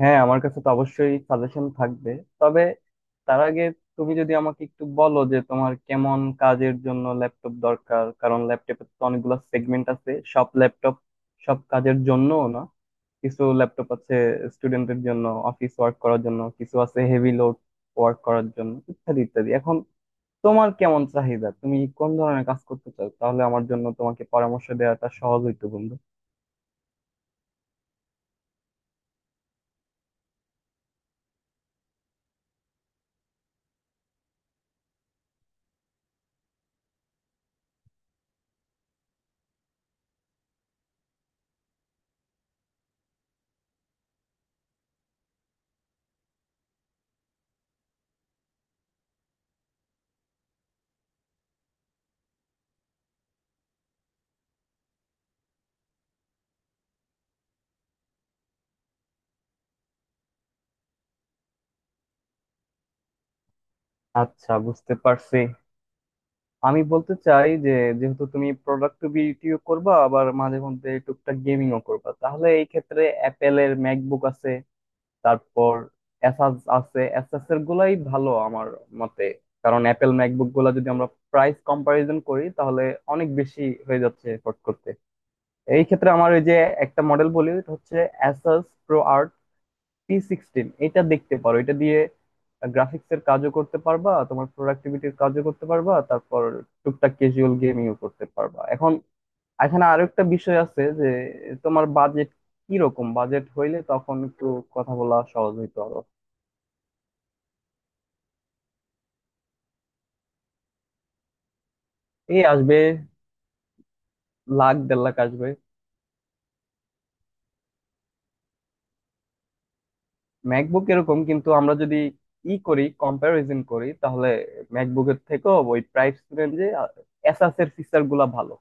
হ্যাঁ, আমার কাছে তো অবশ্যই সাজেশন থাকবে। তবে তার আগে তুমি যদি আমাকে একটু বলো যে তোমার কেমন কাজের জন্য ল্যাপটপ দরকার। কারণ ল্যাপটপে তো অনেকগুলো সেগমেন্ট আছে, সব ল্যাপটপ সব কাজের জন্য না। কিছু ল্যাপটপ আছে স্টুডেন্টের জন্য, অফিস ওয়ার্ক করার জন্য, কিছু আছে হেভি লোড ওয়ার্ক করার জন্য, ইত্যাদি ইত্যাদি। এখন তোমার কেমন চাহিদা, তুমি কোন ধরনের কাজ করতে চাও, তাহলে আমার জন্য তোমাকে পরামর্শ দেওয়াটা সহজ হইতো বন্ধু। আচ্ছা, বুঝতে পারছি। আমি বলতে চাই যে, যেহেতু তুমি প্রোডাক্টিভিটিও করবা আবার মাঝে মধ্যে টুকটাক গেমিংও করবা, তাহলে এই ক্ষেত্রে অ্যাপেলের ম্যাকবুক আছে, তারপর অ্যাসাস আছে। অ্যাসাস এর গুলাই ভালো আমার মতে। কারণ অ্যাপেল ম্যাকবুক গুলা যদি আমরা প্রাইস কম্পারিজন করি, তাহলে অনেক বেশি হয়ে যাচ্ছে এফোর্ট করতে। এই ক্ষেত্রে আমার ওই যে একটা মডেল বলি, ওটা হচ্ছে Asus ProArt T sixteen. এটা দেখতে পারো। এটা দিয়ে গ্রাফিক্স এর কাজও করতে পারবা, তোমার প্রোডাক্টিভিটির কাজও করতে পারবা, তারপর টুকটাক ক্যাজুয়াল গেমিংও করতে পারবা। এখন এখানে আরো একটা বিষয় আছে যে, তোমার বাজেট কি রকম। বাজেট হইলে তখন একটু কথা বলা সহজ হইতো আরো। এই আসবে, লাখ দেড় লাখ আসবে। ম্যাকবুক এরকম, কিন্তু আমরা যদি ই করি কম্প্যারিজন করি তাহলে ম্যাকবুকের থেকেও ওই প্রাইস রেঞ্জে এসাস এর ফিচার গুলা ভালো।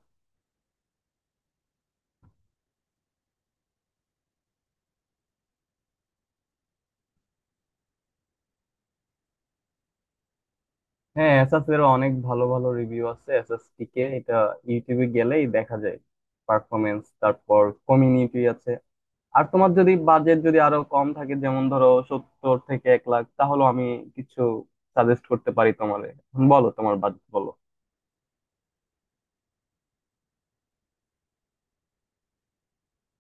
হ্যাঁ, এসএস এর অনেক ভালো ভালো রিভিউ আছে, এসএস টিকে, এটা ইউটিউবে গেলেই দেখা যায়। পারফরমেন্স, তারপর কমিউনিটি আছে। আর তোমার যদি বাজেট যদি আরো কম থাকে, যেমন ধরো 70 থেকে 1 লাখ, তাহলে আমি কিছু সাজেস্ট করতে পারি তোমারে। বলো, তোমার বাজেট বলো।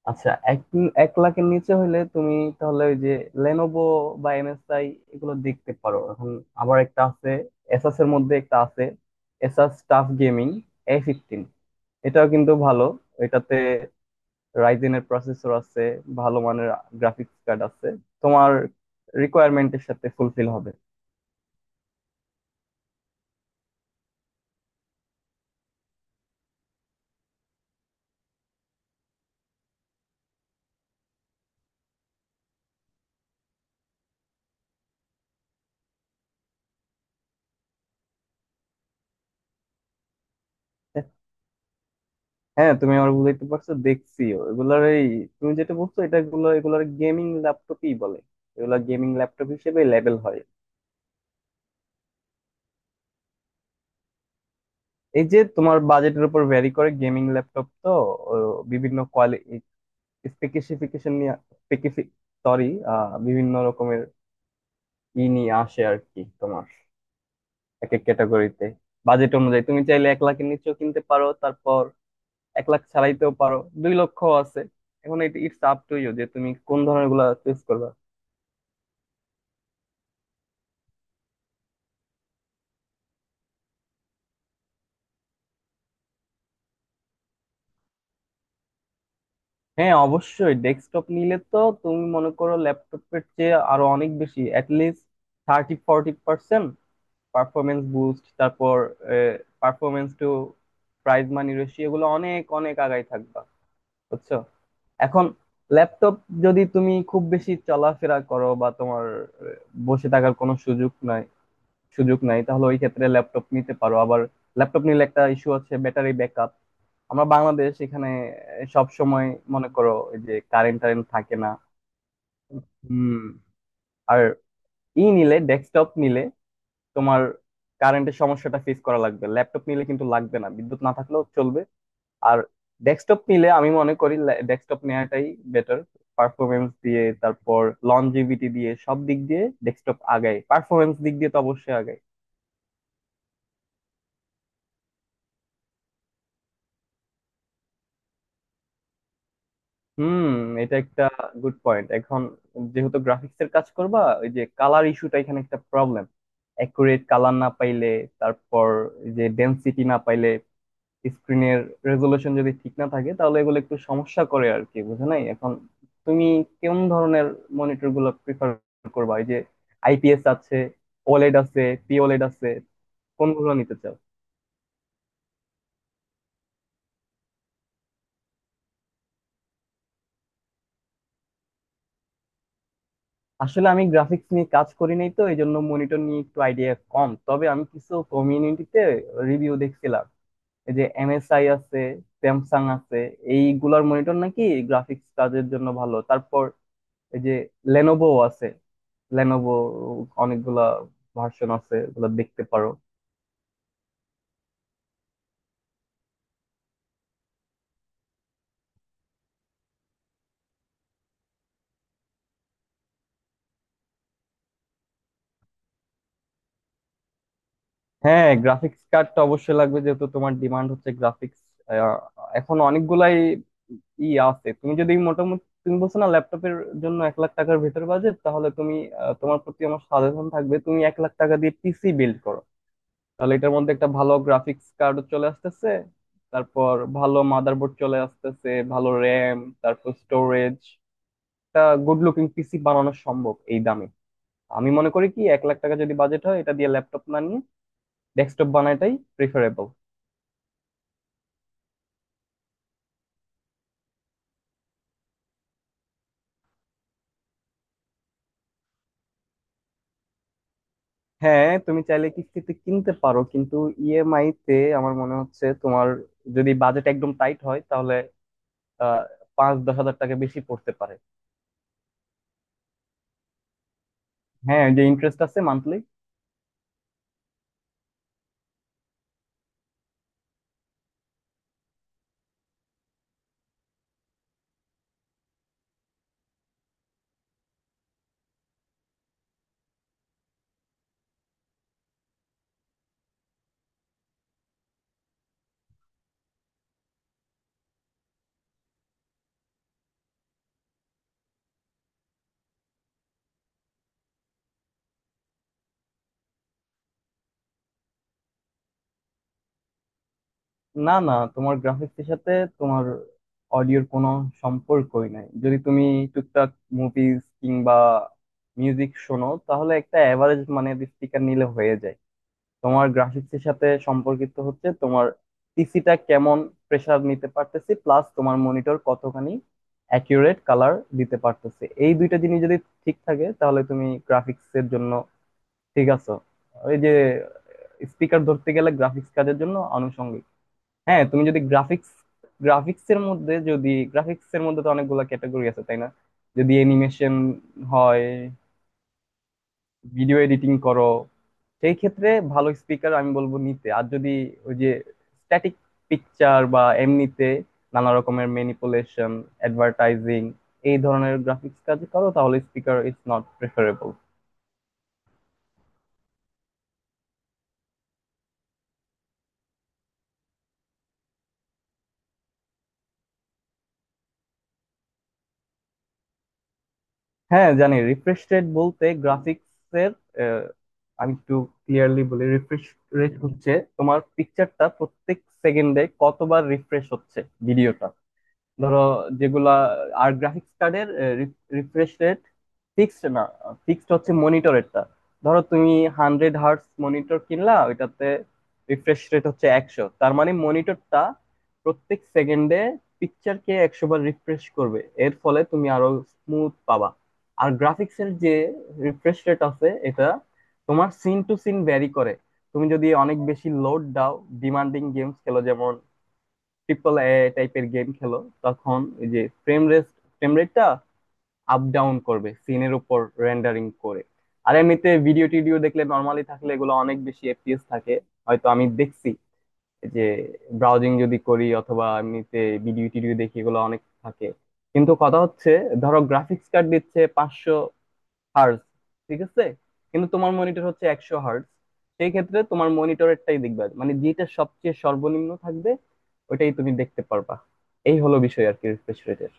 আচ্ছা, এক এক লাখের নিচে হইলে তুমি তাহলে ওই যে লেনোভো বা MSI, এগুলো দেখতে পারো। এখন আবার একটা আছে, এসাস এর মধ্যে একটা আছে, Asus TUF gaming A fifteen. এটাও কিন্তু ভালো। এটাতে রাইজেনের প্রসেসর আছে, ভালো মানের গ্রাফিক্স কার্ড আছে, তোমার রিকোয়ারমেন্টের সাথে ফুলফিল হবে। হ্যাঁ, তুমি আমার বুঝাইতে পারছো, দেখছিও এগুলার। এই তুমি যেটা বলছো এটা, এগুলার গেমিং ল্যাপটপই বলে। এগুলা গেমিং ল্যাপটপ হিসেবে লেবেল হয়। এই যে, তোমার বাজেটের উপর ভ্যারি করে গেমিং ল্যাপটপ তো। ও বিভিন্ন কোয়ালিটি স্পেসিফিকেশন নিয়ে, স্পেসিফিক সরি বিভিন্ন রকমের নিয়ে আসে আর কি তোমার। এক এক ক্যাটাগরিতে বাজেট অনুযায়ী তুমি চাইলে 1 লাখের নিচেও কিনতে পারো, তারপর 1 লাখ ছাড়াইতেও পারো, 2 লক্ষ আছে। এখন এটা ইটস আপ টু ইউ যে তুমি কোন ধরনের গুলা চুজ করবা। হ্যাঁ, অবশ্যই ডেস্কটপ নিলে তো তুমি মনে করো ল্যাপটপের চেয়ে আরো অনেক বেশি, অ্যাটলিস্ট 30-40% পারফরমেন্স বুস্ট, তারপর performance to price money ratio, এগুলো অনেক অনেক আগাই থাকবা, বুঝছো। এখন ল্যাপটপ, যদি তুমি খুব বেশি চলাফেরা করো বা তোমার বসে থাকার কোনো সুযোগ নাই, সুযোগ নাই, তাহলে ওই ক্ষেত্রে ল্যাপটপ নিতে পারো। আবার ল্যাপটপ নিলে একটা ইস্যু আছে, ব্যাটারি ব্যাকআপ। আমরা বাংলাদেশ, এখানে সব সময় মনে করো এই যে কারেন্ট টারেন্ট থাকে না। হুম আর ই নিলে ডেস্কটপ নিলে তোমার কারেন্টের সমস্যাটা ফেস করা লাগবে, ল্যাপটপ নিলে কিন্তু লাগবে না, বিদ্যুৎ না থাকলেও চলবে। আর ডেস্কটপ নিলে আমি মনে করি ডেস্কটপ নেওয়াটাই বেটার, পারফরমেন্স দিয়ে, তারপর লনজিভিটি দিয়ে, সব দিক দিয়ে ডেস্কটপ আগায়, পারফরমেন্স দিক দিয়ে তো অবশ্যই আগায়। হুম, এটা একটা গুড পয়েন্ট। এখন যেহেতু গ্রাফিক্স এর কাজ করবা, ওই যে কালার ইস্যুটা এখানে একটা প্রবলেম। অ্যাকুরেট কালার না পাইলে, তারপর এই যে ডেনসিটি না পাইলে, স্ক্রিনের রেজলিউশন যদি ঠিক না থাকে, তাহলে এগুলো একটু সমস্যা করে আর কি, বুঝে নাই। এখন তুমি কোন ধরনের মনিটর গুলো প্রিফার করবা? এই যে IPS আছে, OLED আছে, pOLED আছে, কোনগুলো নিতে চাও? আসলে আমি গ্রাফিক্স নিয়ে কাজ করি নাই তো, এই জন্য মনিটর নিয়ে একটু আইডিয়া কম। তবে আমি কিছু কমিউনিটিতে রিভিউ দেখছিলাম। এই যে MSI আছে, স্যামসাং আছে, এইগুলার মনিটর নাকি গ্রাফিক্স কাজের জন্য ভালো। তারপর এই যে লেনোভো আছে, লেনোভো অনেকগুলা ভার্সন আছে, ওগুলো দেখতে পারো। হ্যাঁ, গ্রাফিক্স কার্ডটা অবশ্যই লাগবে, যেহেতু তোমার ডিমান্ড হচ্ছে গ্রাফিক্স। এখন অনেকগুলাই আছে। তুমি যদি মোটামুটি, তুমি বলছো না ল্যাপটপের জন্য 1 লাখ টাকার ভিতর বাজেট, তাহলে তুমি তোমার প্রতি আমার সাজেশন থাকবে তুমি 1 লাখ টাকা দিয়ে পিসি বিল্ড করো। তাহলে এটার মধ্যে একটা ভালো গ্রাফিক্স কার্ড চলে আসতেছে, তারপর ভালো মাদারবোর্ড চলে আসতেছে, ভালো র্যাম, তারপর স্টোরেজ। একটা গুড লুকিং পিসি বানানো সম্ভব এই দামে। আমি মনে করি কি, 1 লাখ টাকা যদি বাজেট হয়, এটা দিয়ে ল্যাপটপ না নিয়ে ডেস্কটপ বানাটাই প্রিফারেবল। হ্যাঁ, তুমি চাইলে কিস্তিতে কিনতে পারো, কিন্তু EMI তে আমার মনে হচ্ছে তোমার, যদি বাজেট একদম টাইট হয়, তাহলে আহ 5-10 হাজার টাকা বেশি পড়তে পারে। হ্যাঁ, ওই যে ইন্টারেস্ট আছে মান্থলি। না না, তোমার গ্রাফিক্সের সাথে তোমার অডিওর কোনো সম্পর্কই নাই। যদি তুমি টুকটাক মুভিজ কিংবা মিউজিক শোনো, তাহলে একটা অ্যাভারেজ মানের স্পিকার নিলে হয়ে যায়। তোমার গ্রাফিক্সের সাথে সম্পর্কিত হচ্ছে তোমার পিসিটা কেমন প্রেসার নিতে পারতেছি, প্লাস তোমার মনিটর কতখানি অ্যাকিউরেট কালার দিতে পারতেছে। এই দুইটা জিনিস যদি ঠিক থাকে, তাহলে তুমি গ্রাফিক্সের জন্য ঠিক আছো। ওই যে স্পিকার, ধরতে গেলে গ্রাফিক্স কাজের জন্য আনুষঙ্গিক। হ্যাঁ, তুমি যদি গ্রাফিক্স, গ্রাফিক্স এর মধ্যে যদি গ্রাফিক্স এর মধ্যে তো অনেকগুলো ক্যাটাগরি আছে তাই না। যদি অ্যানিমেশন হয়, ভিডিও এডিটিং করো, সেই ক্ষেত্রে ভালো স্পিকার আমি বলবো নিতে। আর যদি ওই যে স্ট্যাটিক পিকচার বা এমনিতে নানা রকমের ম্যানিপুলেশন, অ্যাডভার্টাইজিং, এই ধরনের গ্রাফিক্স কাজ করো, তাহলে স্পিকার ইজ নট প্রেফারেবল। হ্যাঁ, জানি। রিফ্রেশ রেট বলতে গ্রাফিক্সের, আমি একটু ক্লিয়ারলি বলি। রিফ্রেশ রেট হচ্ছে তোমার পিকচারটা প্রত্যেক সেকেন্ডে কতবার রিফ্রেশ হচ্ছে, ভিডিওটা। ধরো যেগুলা, আর গ্রাফিক্স কার্ডের রিফ্রেশ রেট ফিক্সড না, ফিক্সড হচ্ছে মনিটরেরটা। ধরো তুমি 100 Hz মনিটর কিনলা, ওইটাতে রিফ্রেশ রেট হচ্ছে 100, তার মানে মনিটরটা প্রত্যেক সেকেন্ডে পিকচারকে 100 বার রিফ্রেশ করবে, এর ফলে তুমি আরো স্মুথ পাবা। আর গ্রাফিক্সের যে রিফ্রেশ রেট আছে, এটা তোমার সিন টু সিন ভ্যারি করে। তুমি যদি অনেক বেশি লোড দাও, ডিমান্ডিং গেমস খেলো, যেমন AAA টাইপের গেম খেলো, তখন এই যে ফ্রেম রেট, ফ্রেম রেটটা আপ ডাউন করবে সিনের উপর, রেন্ডারিং করে। আর এমনিতে ভিডিও টিডিও দেখলে, নর্মালি থাকলে, এগুলো অনেক বেশি FPS থাকে। হয়তো আমি দেখছি যে ব্রাউজিং যদি করি অথবা এমনিতে ভিডিও টিডিও দেখি, এগুলো অনেক থাকে। কিন্তু কথা হচ্ছে, ধরো গ্রাফিক্স কার্ড দিচ্ছে 500 Hz, ঠিক আছে, কিন্তু তোমার মনিটর হচ্ছে 100 Hz, সেই ক্ষেত্রে তোমার মনিটরেরটাই দেখবে, মানে যেটা সবচেয়ে সর্বনিম্ন থাকবে ওটাই তুমি দেখতে পারবা। এই হলো বিষয় আর কি, রিফ্রেশ রেটের।